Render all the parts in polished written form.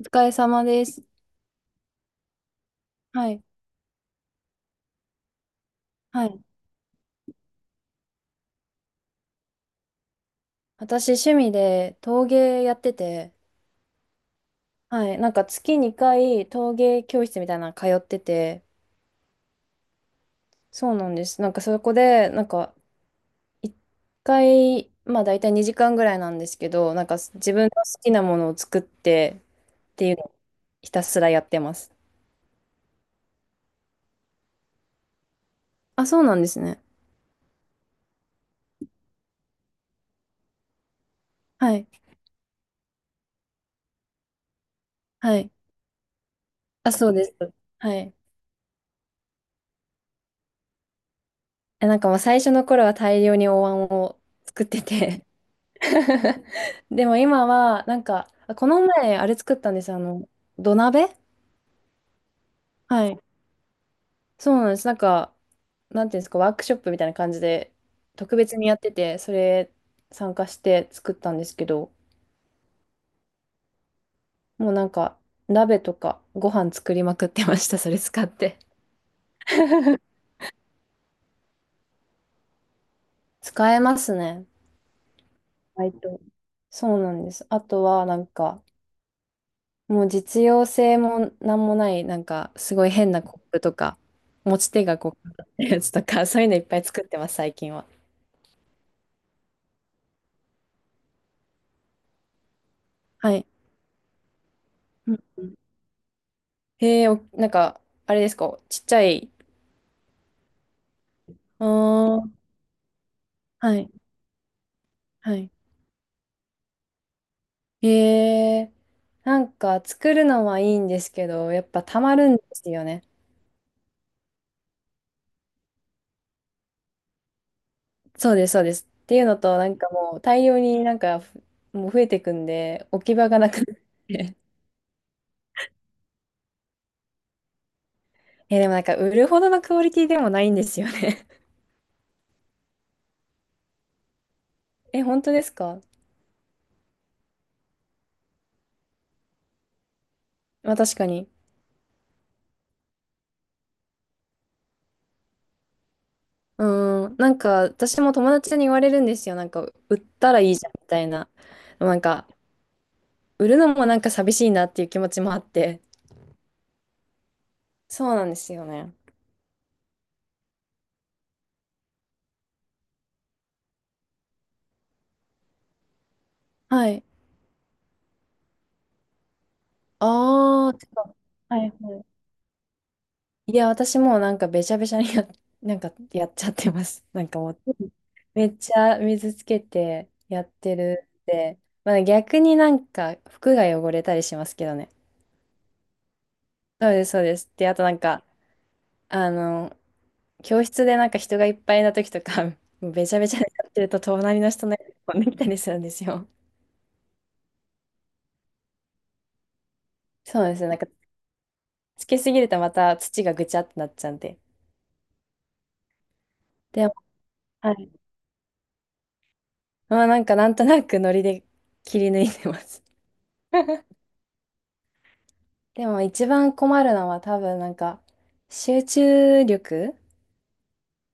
お疲れ様です。はい。はい。私、趣味で陶芸やってて、はい。なんか月2回陶芸教室みたいなの通ってて、そうなんです。なんかそこで、なんか1回、まあ大体2時間ぐらいなんですけど、なんか自分の好きなものを作ってっていうのをひたすらやってます。あ、そうなんですね。はい。はい。あ、そうです。はい。え、なんかもう最初の頃は大量にお椀を作ってて。 でも今は、なんか、あこの前、あれ作ったんです。土鍋。はい。そうなんです。なんか、なんていうんですか、ワークショップみたいな感じで、特別にやってて、それ参加して作ったんですけど、もうなんか、鍋とかご飯作りまくってました。それ使って。使えますね。意外とそうなんです。あとは、なんか、もう実用性もなんもない、なんかすごい変なコップとか、持ち手がこう、やつとか、そういうのいっぱい作ってます、最近は。はい。うん、うん。へえ、お、なんか、あれですか、ちっちゃい。ああ、はい、はい。へえ、なんか作るのはいいんですけど、やっぱたまるんですよね。そうです、そうです。っていうのと、なんかもう大量になんかふ、もう増えてくんで、置き場がなくなって。え、でもなんか売るほどのクオリティでもないんですよね。え、本当ですか？まあ確かに。うーん、なんか私も友達に言われるんですよ。なんか売ったらいいじゃんみたいな。なんか売るのもなんか寂しいなっていう気持ちもあって。そうなんですよね。はい。ああ、てか、はいはい。いや、私もうなんかべちゃべちゃになんかやっちゃってます。なんかもう、めっちゃ水つけてやってるって。まあね、逆になんか服が汚れたりしますけどね。そうです、そうです。で、あとなんか、あの、教室でなんか人がいっぱいな時とか、もうべちゃべちゃになってると隣の人のやつ飛んできたりするんですよ。そうですね。なんかつけすぎるとまた土がぐちゃってなっちゃうんで。でも、はい。まあなんかなんとなくノリで切り抜いてます。でも一番困るのは多分なんか集中力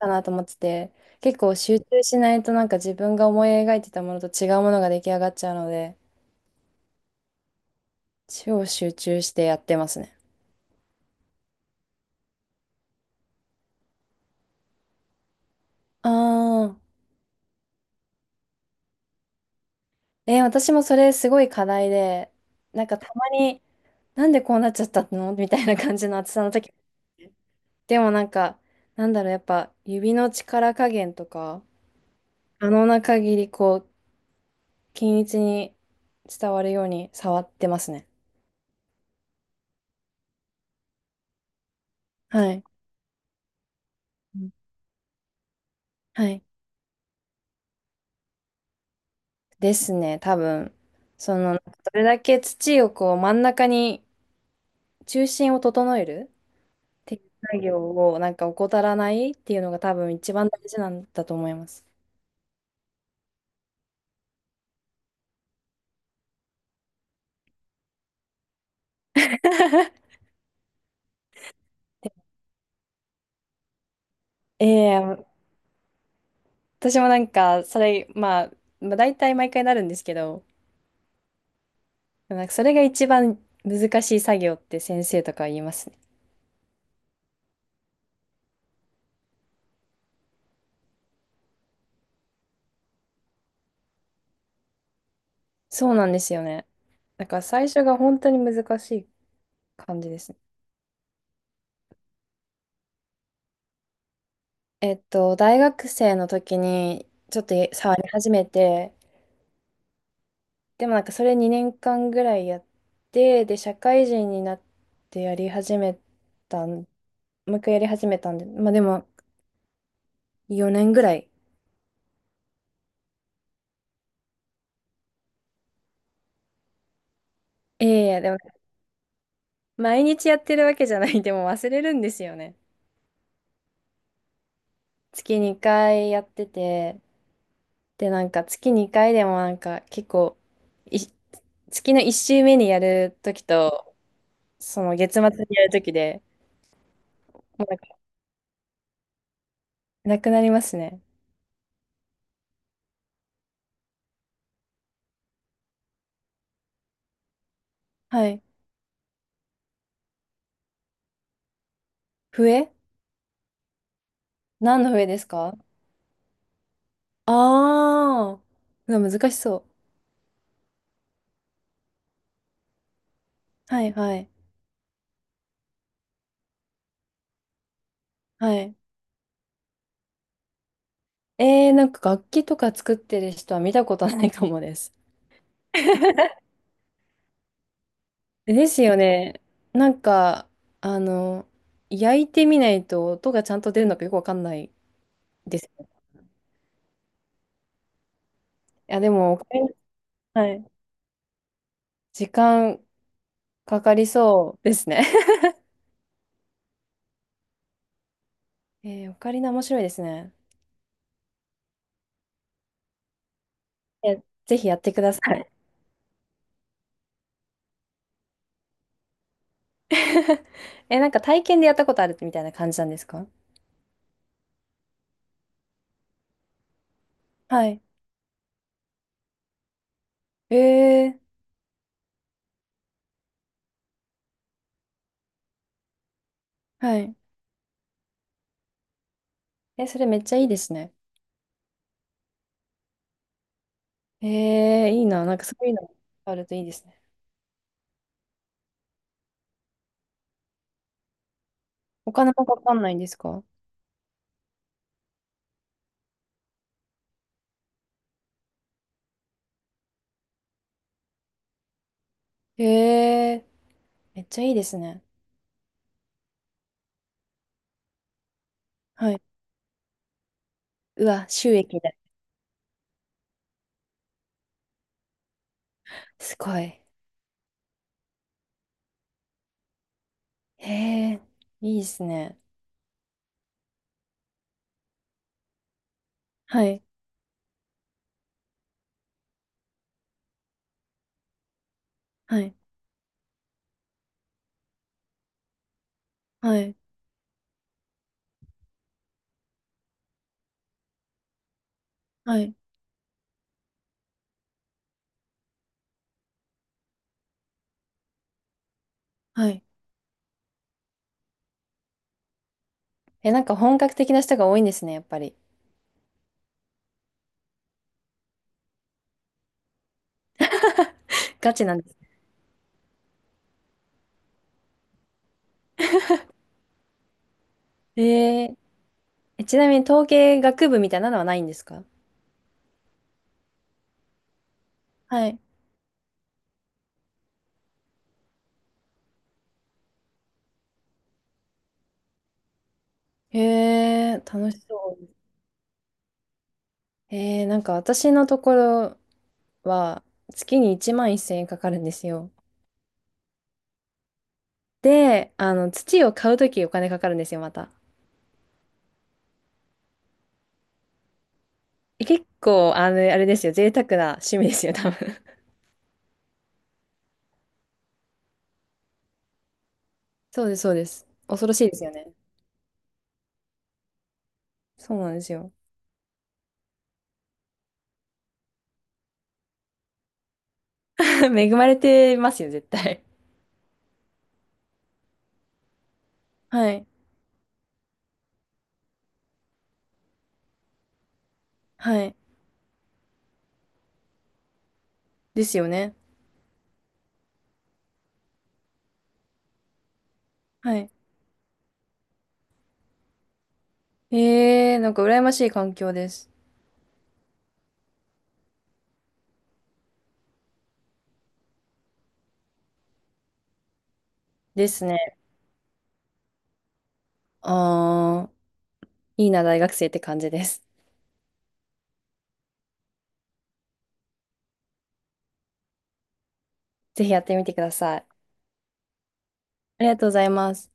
かなと思ってて、結構集中しないとなんか自分が思い描いてたものと違うものが出来上がっちゃうので、超集中してやってますね。ああ。私もそれすごい課題で、なんかたまに、なんでこうなっちゃったの みたいな感じの暑さの時。でもなんか、なんだろう、やっぱ指の力加減とか、可能な限りこう、均一に伝わるように触ってますね。はい。うん、はい。ですね、多分。その、どれだけ土をこう、真ん中に、中心を整えるっていう作業をなんか怠らないっていうのが多分一番大事なんだと思います。ええ、私もなんか、それ、まあ、大体毎回なるんですけど、なんかそれが一番難しい作業って先生とかは言いますね。そうなんですよね。なんか最初が本当に難しい感じですね。大学生の時にちょっと触り始めて、でもなんかそれ2年間ぐらいやって、で、社会人になってやり始めたん、もう一回やり始めたんで、まあでも4年ぐらい。ええ、でも毎日やってるわけじゃない、でも忘れるんですよね。月2回やってて、で、なんか月2回でもなんか結構、い、月の1週目にやるときと、その月末にやるときで、もうなんかなくなりますね。はい。笛。何の笛ですか？ああー、うわ難しそう。はいはい。はい。なんか楽器とか作ってる人は見たことないかもです。ですよね。なんか、あの、焼いてみないと音がちゃんと出るのかよくわかんないです。や、でも、オカリナ、はい。時間かかりそうですね。オカリナ面白いですね。え、ぜひやってください。え、なんか体験でやったことあるみたいな感じなんですか？はい。えー、はい。え、それめっちゃいいですね。いいな。なんかそういうのあるといいですね。お金もかかんないんですか？えー、めっちゃいいですね。はい。うわ、収益だ。すごい。えー、いいですね。はい。はい。はい。はい。はい。え、なんか本格的な人が多いんですね、やっぱり。ガチなんです。えー、ちなみに統計学部みたいなのはないんですか？はい。楽しそう。なんか私のところは月に1万1000円かかるんですよ。で、土を買うときお金かかるんですよ、また。え結構、あれですよ、贅沢な趣味ですよ、多分。そうです、そうです。恐ろしいですよね。そうなんですよ。恵まれてますよ、絶対。はい。はい。ですよね。はい。ええ、なんか羨ましい環境です。ですね。ああ、いいな、大学生って感じです。ぜひやってみてください。ありがとうございます。